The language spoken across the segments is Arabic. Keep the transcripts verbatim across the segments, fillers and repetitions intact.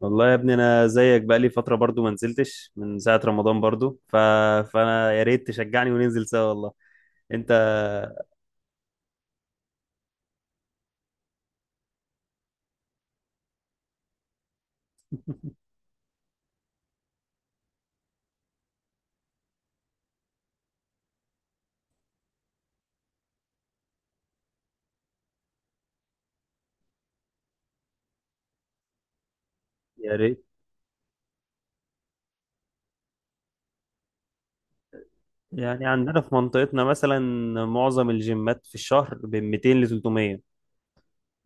والله يا ابني انا زيك بقالي فتره برضو ما نزلتش من ساعه رمضان برضو ف... فانا يا ريت تشجعني وننزل سوا والله. انت يا ريت. يعني عندنا في منطقتنا مثلا معظم الجيمات في الشهر بين ميتين ل تلتمية.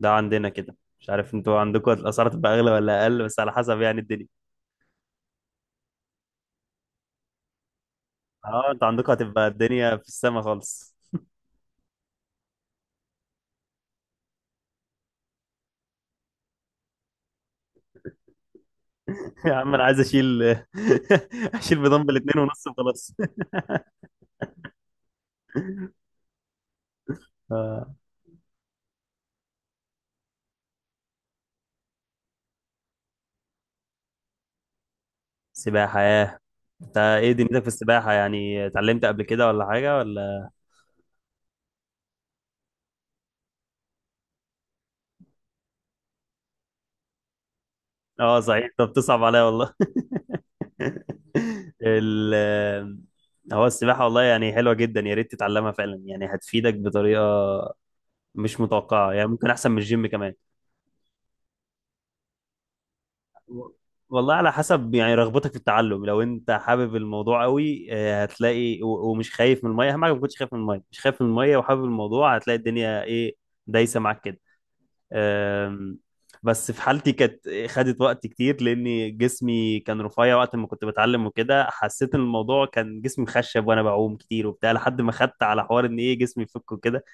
ده عندنا كده، مش عارف انتوا عندكم الاسعار تبقى اغلى ولا اقل، بس على حسب يعني الدنيا. اه انتوا عندكم هتبقى الدنيا في السما خالص. يا عم انا عايز اشيل اشيل بدمبل اتنين ونص وخلاص. سباحة ياه! انت ايه دنيتك في السباحة؟ يعني اتعلمت قبل كده ولا حاجة ولا؟ اه صحيح، انت بتصعب عليا والله. ال هو السباحة والله يعني حلوة جدا، يا ريت تتعلمها فعلا، يعني هتفيدك بطريقة مش متوقعة، يعني ممكن أحسن من الجيم كمان. و- والله على حسب يعني رغبتك في التعلم. لو أنت حابب الموضوع قوي آه، هتلاقي، و- ومش خايف من المية. أهم حاجة ما تكونش خايف من المية. مش خايف من المية وحابب الموضوع، هتلاقي الدنيا إيه؟ دايسة معاك كده. أم، بس في حالتي كانت خدت وقت كتير، لأن جسمي كان رفيع وقت ما كنت بتعلم وكده. حسيت إن الموضوع كان جسمي مخشب وأنا بعوم كتير وبتاع، لحد ما خدت على حوار إن إيه، جسمي يفك وكده.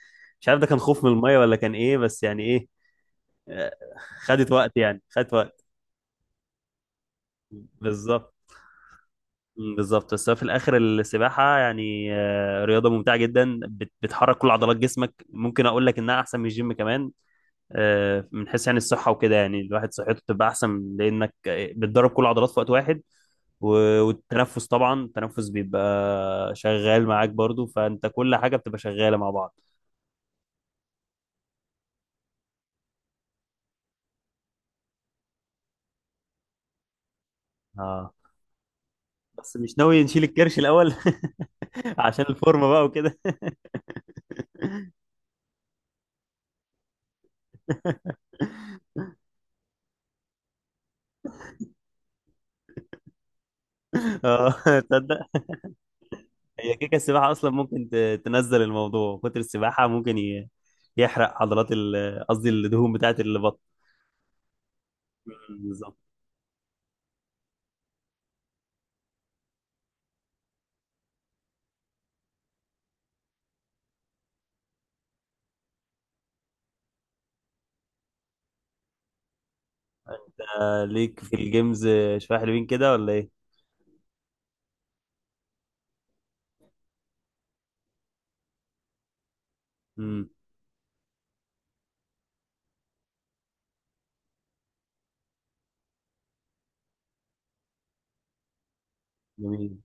مش عارف ده كان خوف من المية ولا كان إيه، بس يعني إيه. أه، خدت وقت يعني خدت وقت. بالظبط. مم، بالظبط. بس هو في الاخر السباحه يعني آه، رياضه ممتعه جدا، بت- بتحرك كل عضلات جسمك، ممكن اقول لك انها احسن من الجيم كمان. آه، من حيث يعني الصحة وكده. يعني الواحد صحته تبقى أحسن، لأنك بتدرب كل العضلات في وقت واحد، و- والتنفس طبعا، التنفس بيبقى شغال معاك برضو، فأنت كل حاجة بتبقى شغالة مع بعض. اه بس مش ناوي نشيل الكرش الأول؟ عشان الفورمة بقى وكده. اه تصدق، هي كيكة السباحة أصلا ممكن ت- تنزل الموضوع. كتر السباحة ممكن ي- يحرق عضلات ال- قصدي الدهون بتاعت البطن. مم، بالظبط. آه، ليك في الجيمز آه، شوية حلوين كده ولا إيه؟ جميل.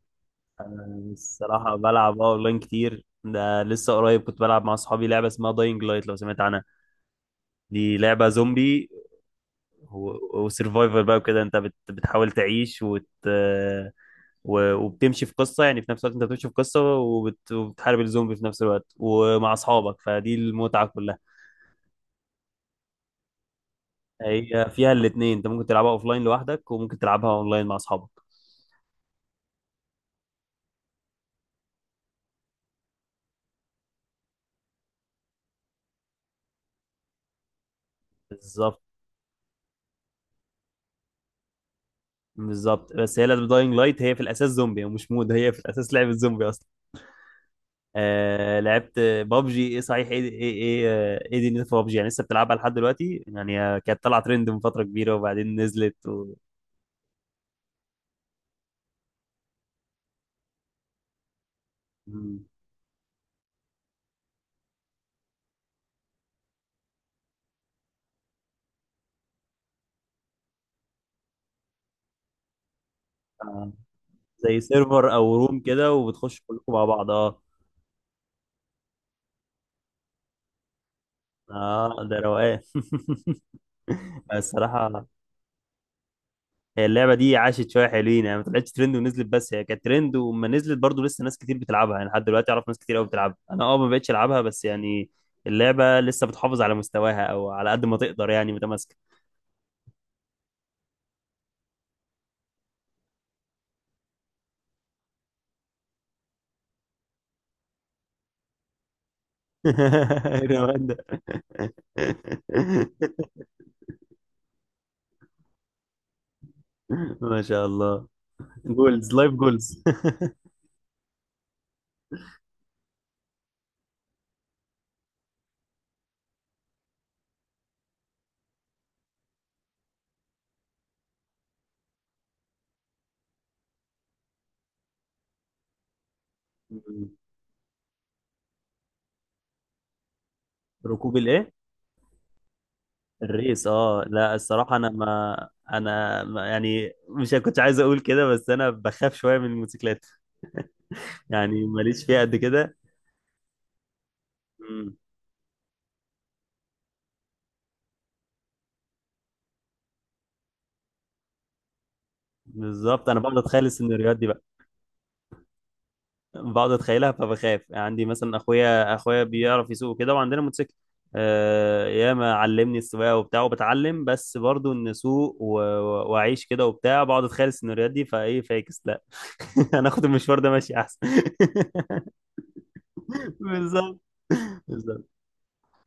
الصراحة بلعب اه اونلاين كتير. ده لسه قريب كنت بلعب مع اصحابي لعبة اسمها داينج لايت، لو سمعت عنها. دي لعبة زومبي وسرفايفر بقى وكده. انت بت... بتحاول تعيش وت... و... وبتمشي في قصة، يعني في نفس الوقت انت بتمشي في قصة وبت... وبتحارب الزومبي في نفس الوقت ومع اصحابك، فدي المتعة كلها. هي فيها الاتنين، انت ممكن تلعبها اوفلاين لوحدك وممكن تلعبها اونلاين مع اصحابك. بالظبط بالظبط. بس هي لعبة داينج لايت هي في الاساس زومبي ومش مود، هي في الاساس لعبة زومبي. آه لعبت بابجي. ايه صحيح ايه ايه ايه آه، ايه دي في بابجي؟ يعني لسه بتلعبها لحد دلوقتي يعني آه، كانت طالعه ترند من فتره كبيره وبعدين نزلت و... مم. آه زي سيرفر او روم كده، وبتخش كلكم مع بعض، اه. اه ده روقان. الصراحه هي اللعبه دي عاشت شويه حلوين، يعني ما طلعتش ترند ونزلت، بس هي كانت ترند وما نزلت، برضو لسه ناس كتير بتلعبها يعني لحد دلوقتي. اعرف ناس كتير قوي بتلعبها. انا اه ما بقتش العبها، بس يعني اللعبه لسه بتحافظ على مستواها، او على قد ما تقدر يعني متماسكه. روان ده! ما شاء الله. جولز لايف جولز. ركوب الايه؟ الريس اه. لا الصراحه انا ما انا ما يعني مش كنت عايز اقول كده، بس انا بخاف شويه من الموتوسيكلات، يعني ماليش فيها قد كده. مم. بالظبط، انا بقعد اتخيل السيناريوهات دي بقى. بقعد اتخيلها فبخاف. يعني عندي مثلا اخويا اخويا بيعرف يسوق كده وعندنا موتوسيكل. آه ياما علمني السواقه وبتاع وبتعلم، بس برضو ان اسوق و- و- واعيش كده وبتاع، بقعد اتخيل السيناريوهات دي، فايه فاكس، لا. انا اخد المشوار ده ماشي احسن. بالظبط بالظبط.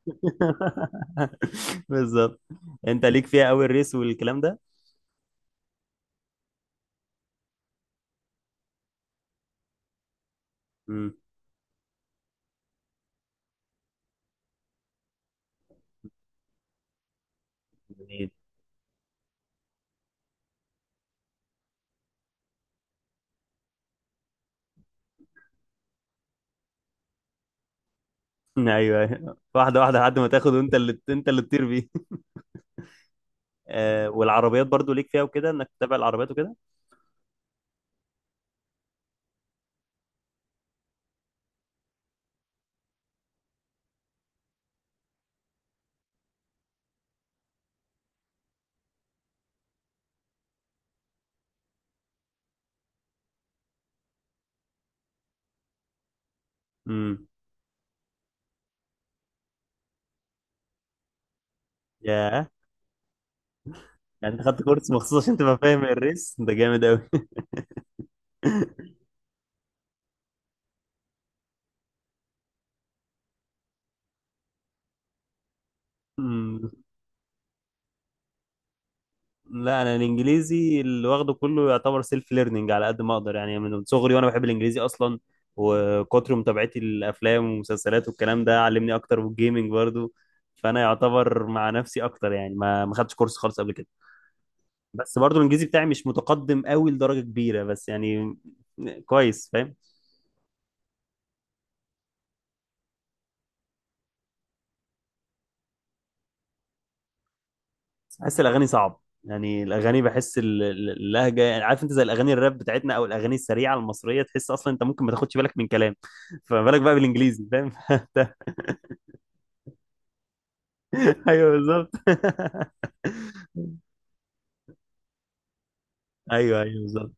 بالظبط. انت ليك فيها قوي الريس والكلام ده. امم. جميل. ايوه أيوة. واحده واحده لحد ما تاخد، وانت اللي انت اللي تطير بيه. آه والعربيات برضو ليك فيها وكده، انك تتابع العربيات وكده. امم. ياه! يعني انت خدت كورس مخصوص عشان تبقى فاهم الريس؟ ده جامد قوي. مم. لا انا الانجليزي اللي واخده كله يعتبر سيلف ليرنينج، على قد ما اقدر. يعني من صغري وانا بحب الانجليزي اصلا، وكتر متابعتي للافلام والمسلسلات والكلام ده علمني اكتر، والجيمنج برضو. فانا يعتبر مع نفسي اكتر، يعني ما ما خدتش كورس خالص قبل كده. بس برضو الانجليزي بتاعي مش متقدم قوي لدرجة كبيرة، بس يعني كويس فاهم. بحس الاغاني صعب. يعني الاغاني بحس ال- ال- اللهجه، يعني عارف انت زي الاغاني الراب بتاعتنا او الاغاني السريعه المصريه، تحس اصلا انت ممكن ما تاخدش بالك من كلام، فما بالك بقى بالانجليزي فاهم. ايوه بالظبط. ايوه ايوه بالظبط.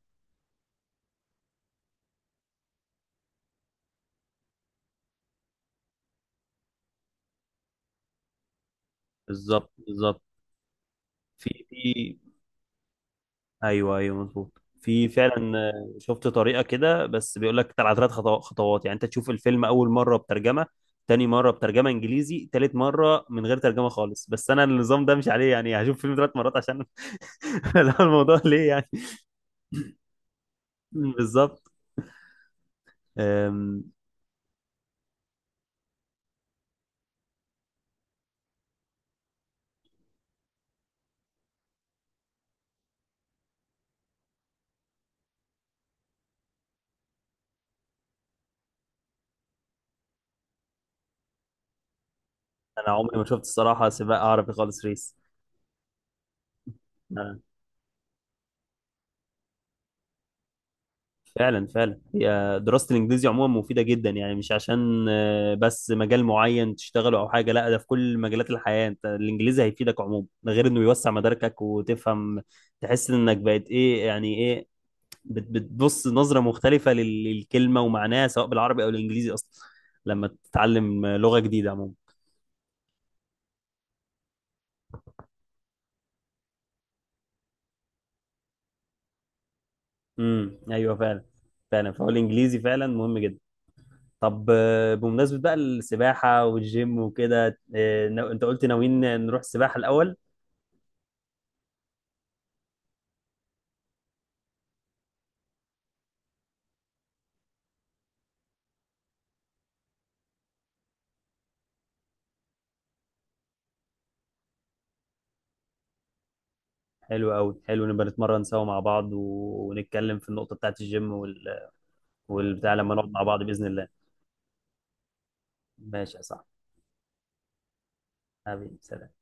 بالظبط بالظبط. في في ايوه ايوه مظبوط، في فعلا. آه، شفت طريقه كده، بس بيقول لك على ثلاث خطو- خطوات. يعني انت تشوف الفيلم اول مره بترجمه، تاني مره بترجمه انجليزي، تالت مره من غير ترجمه خالص. بس انا النظام ده مش عليه، يعني هشوف فيلم ثلاث مرات عشان؟ لا الموضوع ليه يعني بالظبط. أم، انا عمري ما شفت الصراحه سباق عربي خالص، ريس. أنا- فعلا فعلا. هي دراسه الانجليزي عموما مفيده جدا، يعني مش عشان آه، بس مجال معين تشتغله او حاجه، لا ده في كل مجالات الحياه انت الانجليزي هيفيدك عموما. ده غير انه يوسع مداركك وتفهم، تحس انك بقت ايه يعني ايه بت- بتبص نظره مختلفه لل- للكلمه ومعناها، سواء بالعربي او الانجليزي اصلا، لما تتعلم لغه جديده عموما. امم ايوه فعلا. فعلا، فهو الانجليزي فعلا مهم جدا. طب آه، بمناسبة بقى السباحة والجيم وكده، آه، نا- انت قلت ناويين نروح السباحة الأول. حلو قوي. حلو، نبقى نتمرن سوا مع بعض، و- ونتكلم في النقطة بتاعت الجيم وال... والبتاع لما نقعد مع بعض بإذن الله. ماشي يا صاحبي. حبيبي سلام.